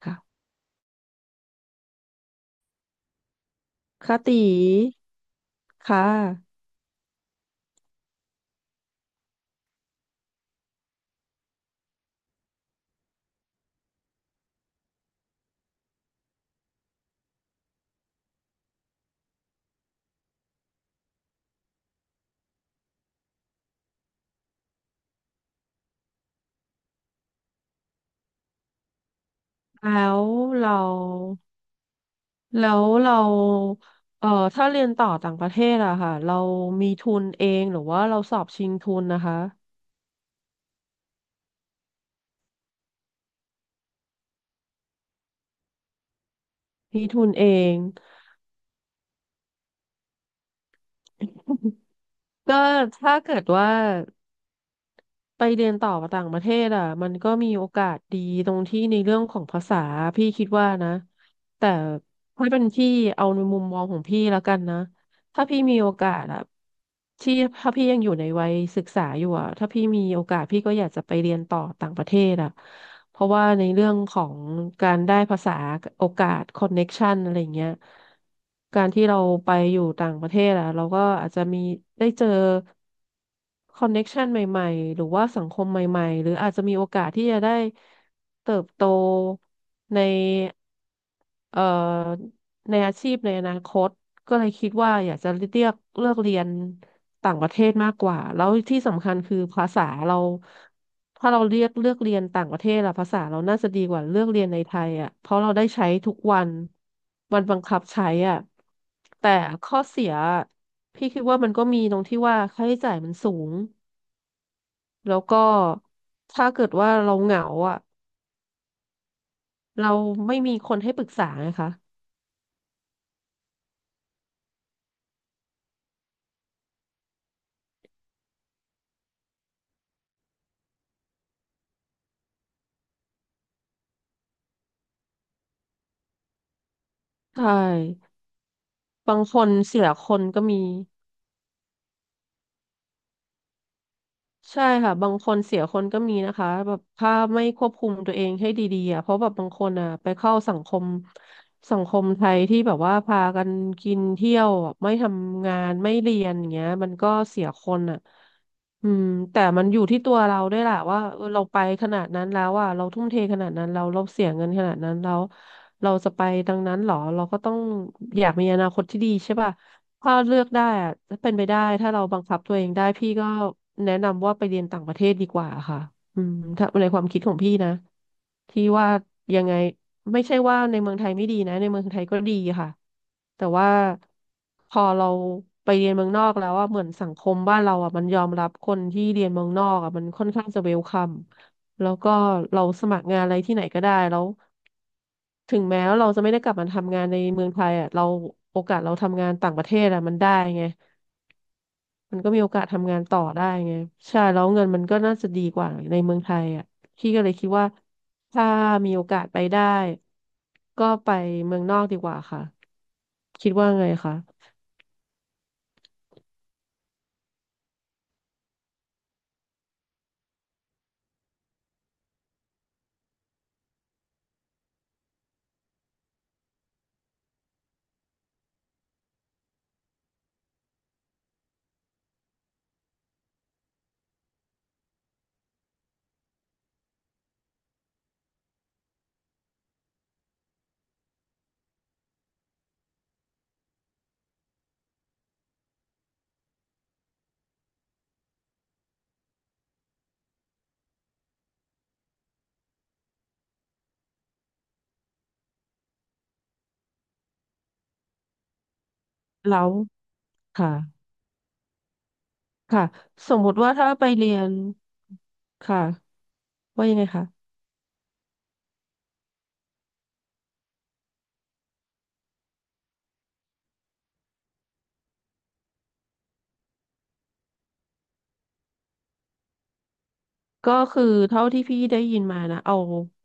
ค่ะค่ะตีค่ะแล้วเราแล้วเราเอ่อถ้าเรียนต่อต่างประเทศอะค่ะเรามีทุนเองหรือว่าเราสอบชิงทุนนะคะมีทุนเอง ก็ถ้าเกิดว่าไปเรียนต่อต่างประเทศอะมันก็มีโอกาสดีตรงที่ในเรื่องของภาษาพี่คิดว่านะแต่ถ้าเป็นพี่เอาในมุมมองของพี่แล้วกันนะ ถ้าพี่มีโอกาสอะที่ถ้าพี่ยังอยู่ในวัยศึกษาอยู่อะถ้าพี่มีโอกาสพี่ก็อยากจะไปเรียนต่อต่างประเทศอะเพราะว่าในเรื่องของการได้ภาษาโอกาสคอนเน็กชันอะไรเงี้ยการที่เราไปอยู่ต่างประเทศอะเราก็อาจจะมีได้เจอคอนเน็กชันใหม่ๆหรือว่าสังคมใหม่ๆหรืออาจจะมีโอกาสที่จะได้เติบโตใน เอ่อในอาชีพในอนาคตก็เลยคิดว่าอยากจะเลือกเรียนต่างประเทศมากกว่าแล้วที่สำคัญคือภาษาเราถ้าเราเรียกเลือกเรียนต่างประเทศอะภาษาเราน่าจะดีกว่าเลือกเรียนในไทยอะเพราะเราได้ใช้ทุกวันมันบังคับใช้อะแต่ข้อเสียพี่คิดว่ามันก็มีตรงที่ว่าค่าใช้จ่ายมันสูงแล้วก็ถ้าเกิดว่าเราเหงาอะเราไม่มีคนให้ปรึกษาไงคะใช่ บางคนเสียคนก็มีใช่ค่ะบางคนเสียคนก็มีนะคะแบบถ้าไม่ควบคุมตัวเองให้ดีๆอ่ะเพราะแบบบางคนอ่ะไปเข้าสังคมสังคมไทยที่แบบว่าพากันกินเที่ยวอ่ะไม่ทำงานไม่เรียนอย่างเงี้ยมันก็เสียคนอ่ะอืมแต่มันอยู่ที่ตัวเราด้วยแหละว่าเออเราไปขนาดนั้นแล้วอ่ะเราทุ่มเทขนาดนั้นเราเสียเงินขนาดนั้นแล้วเราจะไปดังนั้นเหรอเราก็ต้องอยากมีอนาคตที่ดีใช่ป่ะ ถ้าเลือกได้อะถ้าเป็นไปได้ถ้าเราบังคับตัวเองได้พี่ก็แนะนำว่าไปเรียนต่างประเทศดีกว่าค่ะอืมถ้าในความคิดของพี่นะที่ว่ายังไงไม่ใช่ว่าในเมืองไทยไม่ดีนะในเมืองไทยก็ดีค่ะแต่ว่าพอเราไปเรียนเมืองนอกแล้วอะเหมือนสังคมบ้านเราอะมันยอมรับคนที่เรียนเมืองนอกอะมันค่อนข้างจะเวลคัม แล้วก็เราสมัครงานอะไรที่ไหนก็ได้แล้วถึงแม้ว่าเราจะไม่ได้กลับมาทำงานในเมืองไทยอ่ะเราโอกาสเราทำงานต่างประเทศอ่ะมันได้ไงมันก็มีโอกาสทำงานต่อได้ไงใช่แล้วเงินมันก็น่าจะดีกว่าในเมืองไทยอ่ะพี่ก็เลยคิดว่าถ้ามีโอกาสไปได้ก็ไปเมืองนอกดีกว่าค่ะคิดว่าไงคะแล้วค่ะค่ะสมมติว่าถ้าไปเรียนค่ะว่ายังไงคะ ก็คือเท่าที่พี่ได้ยินมานะเอา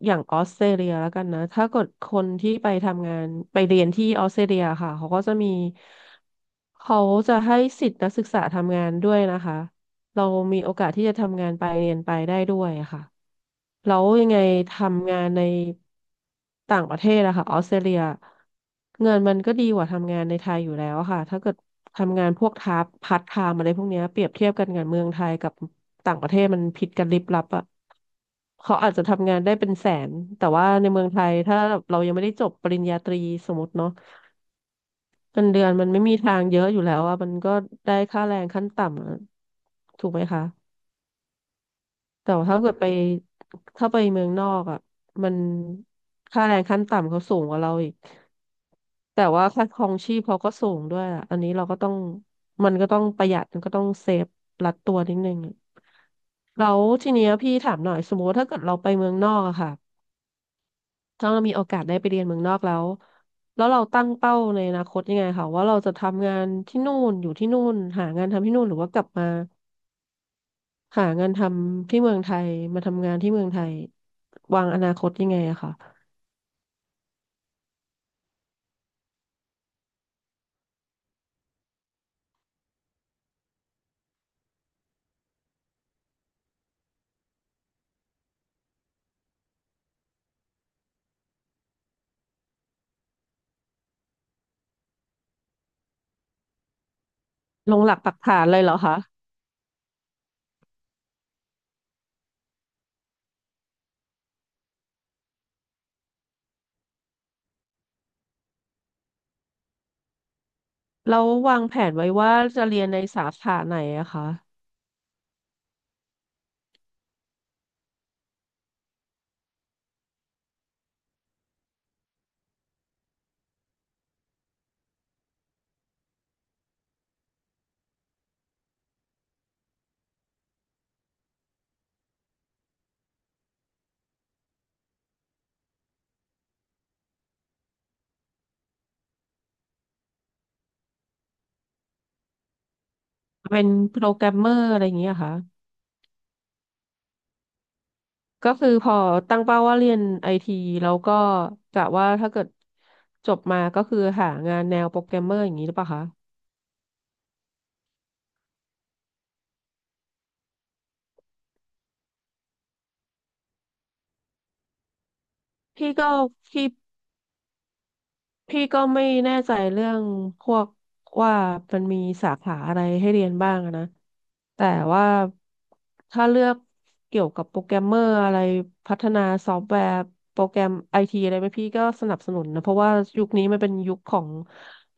อย่างออสเตรเลียแล้วกันนะถ้าเกิดคนที่ไปทำงานไปเรียนที่ออสเตรเลียค่ะเขาก็จะมีเขาจะให้สิทธินักศึกษาทำงานด้วยนะคะ เรามีโอกาสที่จะทำงานไปเรียนไปได้ด้วยอะค่ะแล้วยังไงทำงานในต่างประเทศอะค่ะออสเตรเลียเงินมันก็ดีกว่าทำงานในไทยอยู่แล้วอะค่ะถ้าเกิดทำงานพวกทาร์พาร์ทไทม์อะไรพวกเนี้ยเปรียบเทียบกันกับเมืองไทยกับต่างประเทศมันผิดกันลิบลับอะเขาอาจจะทำงานได้เป็นแสนแต่ว่าในเมืองไทยถ้าเรายังไม่ได้จบปริญญาตรีสมมติเนาะเงินเดือนมันไม่มีทางเยอะอยู่แล้วอ่ะมันก็ได้ค่าแรงขั้นต่ำอะถูกไหมคะ แต่ว่าถ้าเกิดไปถ้าไปเมืองนอกอ่ะมันค่าแรงขั้นต่ำเขาสูงกว่าเราอีกแต่ว่าค่าครองชีพเขาก็สูงด้วยอะอันนี้เราก็ต้องมันก็ต้องประหยัดมันก็ต้องเซฟรัดตัวนิดนึงอะแล้วทีเนี้ยพี่ถามหน่อยสมมติว่าถ้าเกิดเราไปเมืองนอกอะค่ะถ้าเรามีโอกาสได้ไปเรียนเมืองนอกแล้วแล้วเราตั้งเป้าในอนาคตยังไงค่ะว่าเราจะทำงานที่นู่นอยู่ที่นู่นหางานทำที่นู่นหรือว่ากลับมา หางานทำที่เมืองไทยมาทำงานที่เมืองไทยวางอนาคตยังไงอะคะลงหลักปักฐานเลยเหรอคะเราววางแผนไว้ว่าจะเรียนในสาขาไหนอะคะเป็นโปรแกรมเมอร์อะไรอย่างเงี้ยค่ะก็คือพอตั้งเป้าว่าเรียนไอทีแล้วก็กะว่าถ้าเกิดจบมาก็คือหางานแนวโปรแกรมเมอร์อย่างนี้หรือเปล่าคะพี่ก็พี่ พี่ก็ไม่แน่ใจเรื่องพวกว่ามันมีสาขาอะไรให้เรียนบ้างอะนะแต่ว่าถ้าเลือกเกี่ยวกับโปรแกรมเมอร์อะไรพัฒนาซอฟต์แวร์โปรแกรมไอทีอะไรไหมพี่ก็สนับสนุนนะเพราะว่ายุคนี้มันเป็นยุคของ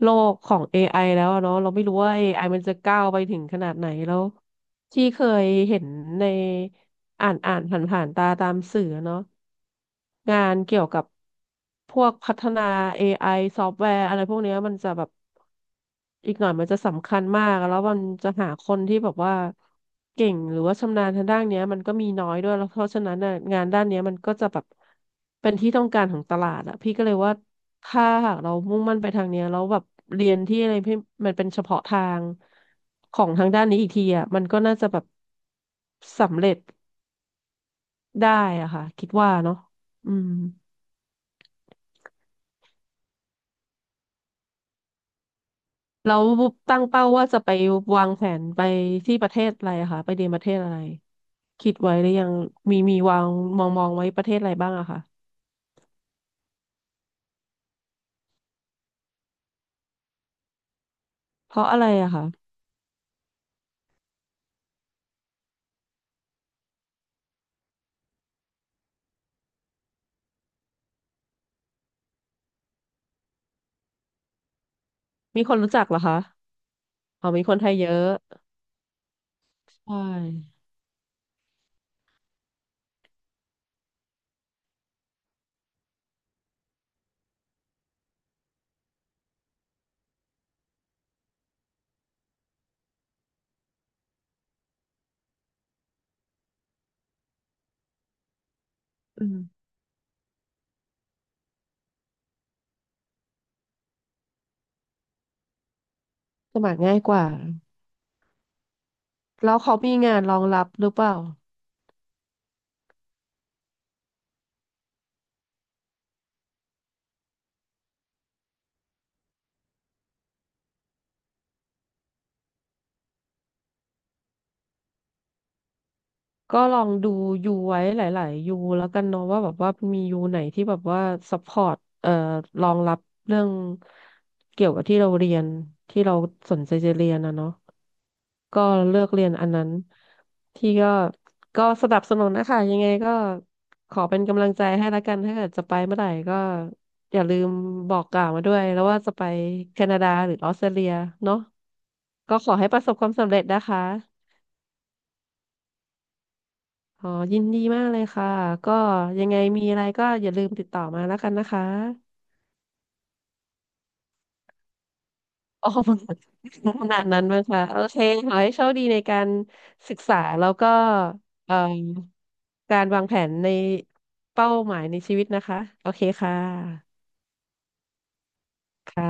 โลกของ AI แล้วอะเนาะเราไม่รู้ว่า AI มันจะก้าวไปถึงขนาดไหนแล้ว ที่เคยเห็นในอ่านผ่านตาตามสื่อเนาะงานเกี่ยวกับพวกพัฒนา AI ซอฟต์แวร์อะไรพวกเนี้ยมันจะแบบ อีกหน่อยมันจะสำคัญมากแล้วมันจะหาคนที่แบบว่าเก่งหรือว่าชำนาญทางด้านเนี้ยมันก็มีน้อยด้วยแล้วเพราะฉะนั้นน่ะงานด้านเนี้ยมันก็จะแบบเป็นที่ต้องการของตลาดอะพี่ก็เลยว่าถ้าหากเรามุ่งมั่นไปทางเนี้ยแล้วแบบเรียนที่อะไรพี่มันเป็นเฉพาะทางของทางด้านนี้อีกทีอะมันก็น่าจะแบบสำเร็จได้อะค่ะคิดว่าเนาะอืม แล้วตั้งเป้าว่าจะไปวางแผนไปที่ประเทศอะไรอะคะไปเรียนประเทศอะไรคิดไว้หรือยังมีวางมองไว้ประเทศอะไรบ้างอะคะเพราะอะไรอะคะมีคนรู้จักเหรอคะอ๋อมีคนไทยเยอะใช่อืมสมัครง่ายกว่าแล้วเขามีงานรองรับหรือเปล่าก็ลองดูยูไว้หลายๆยูแล้วกันเนาะว่าแบบว่ามียูไหนที่แบบว่าซัพพอร์ตรองรับเรื่องเกี่ยวกับที่เราเรียนที่เราสนใจจะเรียนนะเนาะ ก็เลือกเรียนอันนั้นที่ก็สนับสนุนนะคะยังไงก็ขอเป็นกำลังใจให้ละกันถ้าเกิดจะไปเมื่อไหร่ก็อย่าลืมบอกกล่าวมาด้วยแล้วว่าจะไปแคนาดาหรือออสเตรเลียเนาะก็ขอให้ประสบความสำเร็จนะคะอ๋อยินดีมากเลยค่ะก็ยังไงมีอะไรก็อย่าลืมติดต่อมาแล้วกันนะคะ อ๋อ ขนาดนั้นมั้งคะโอเคขอให้โชคดีในการศึกษาแล้วก็เอ่อการวางแผนในเป้าหมายในชีวิตนะคะโอเคค่ะค่ะ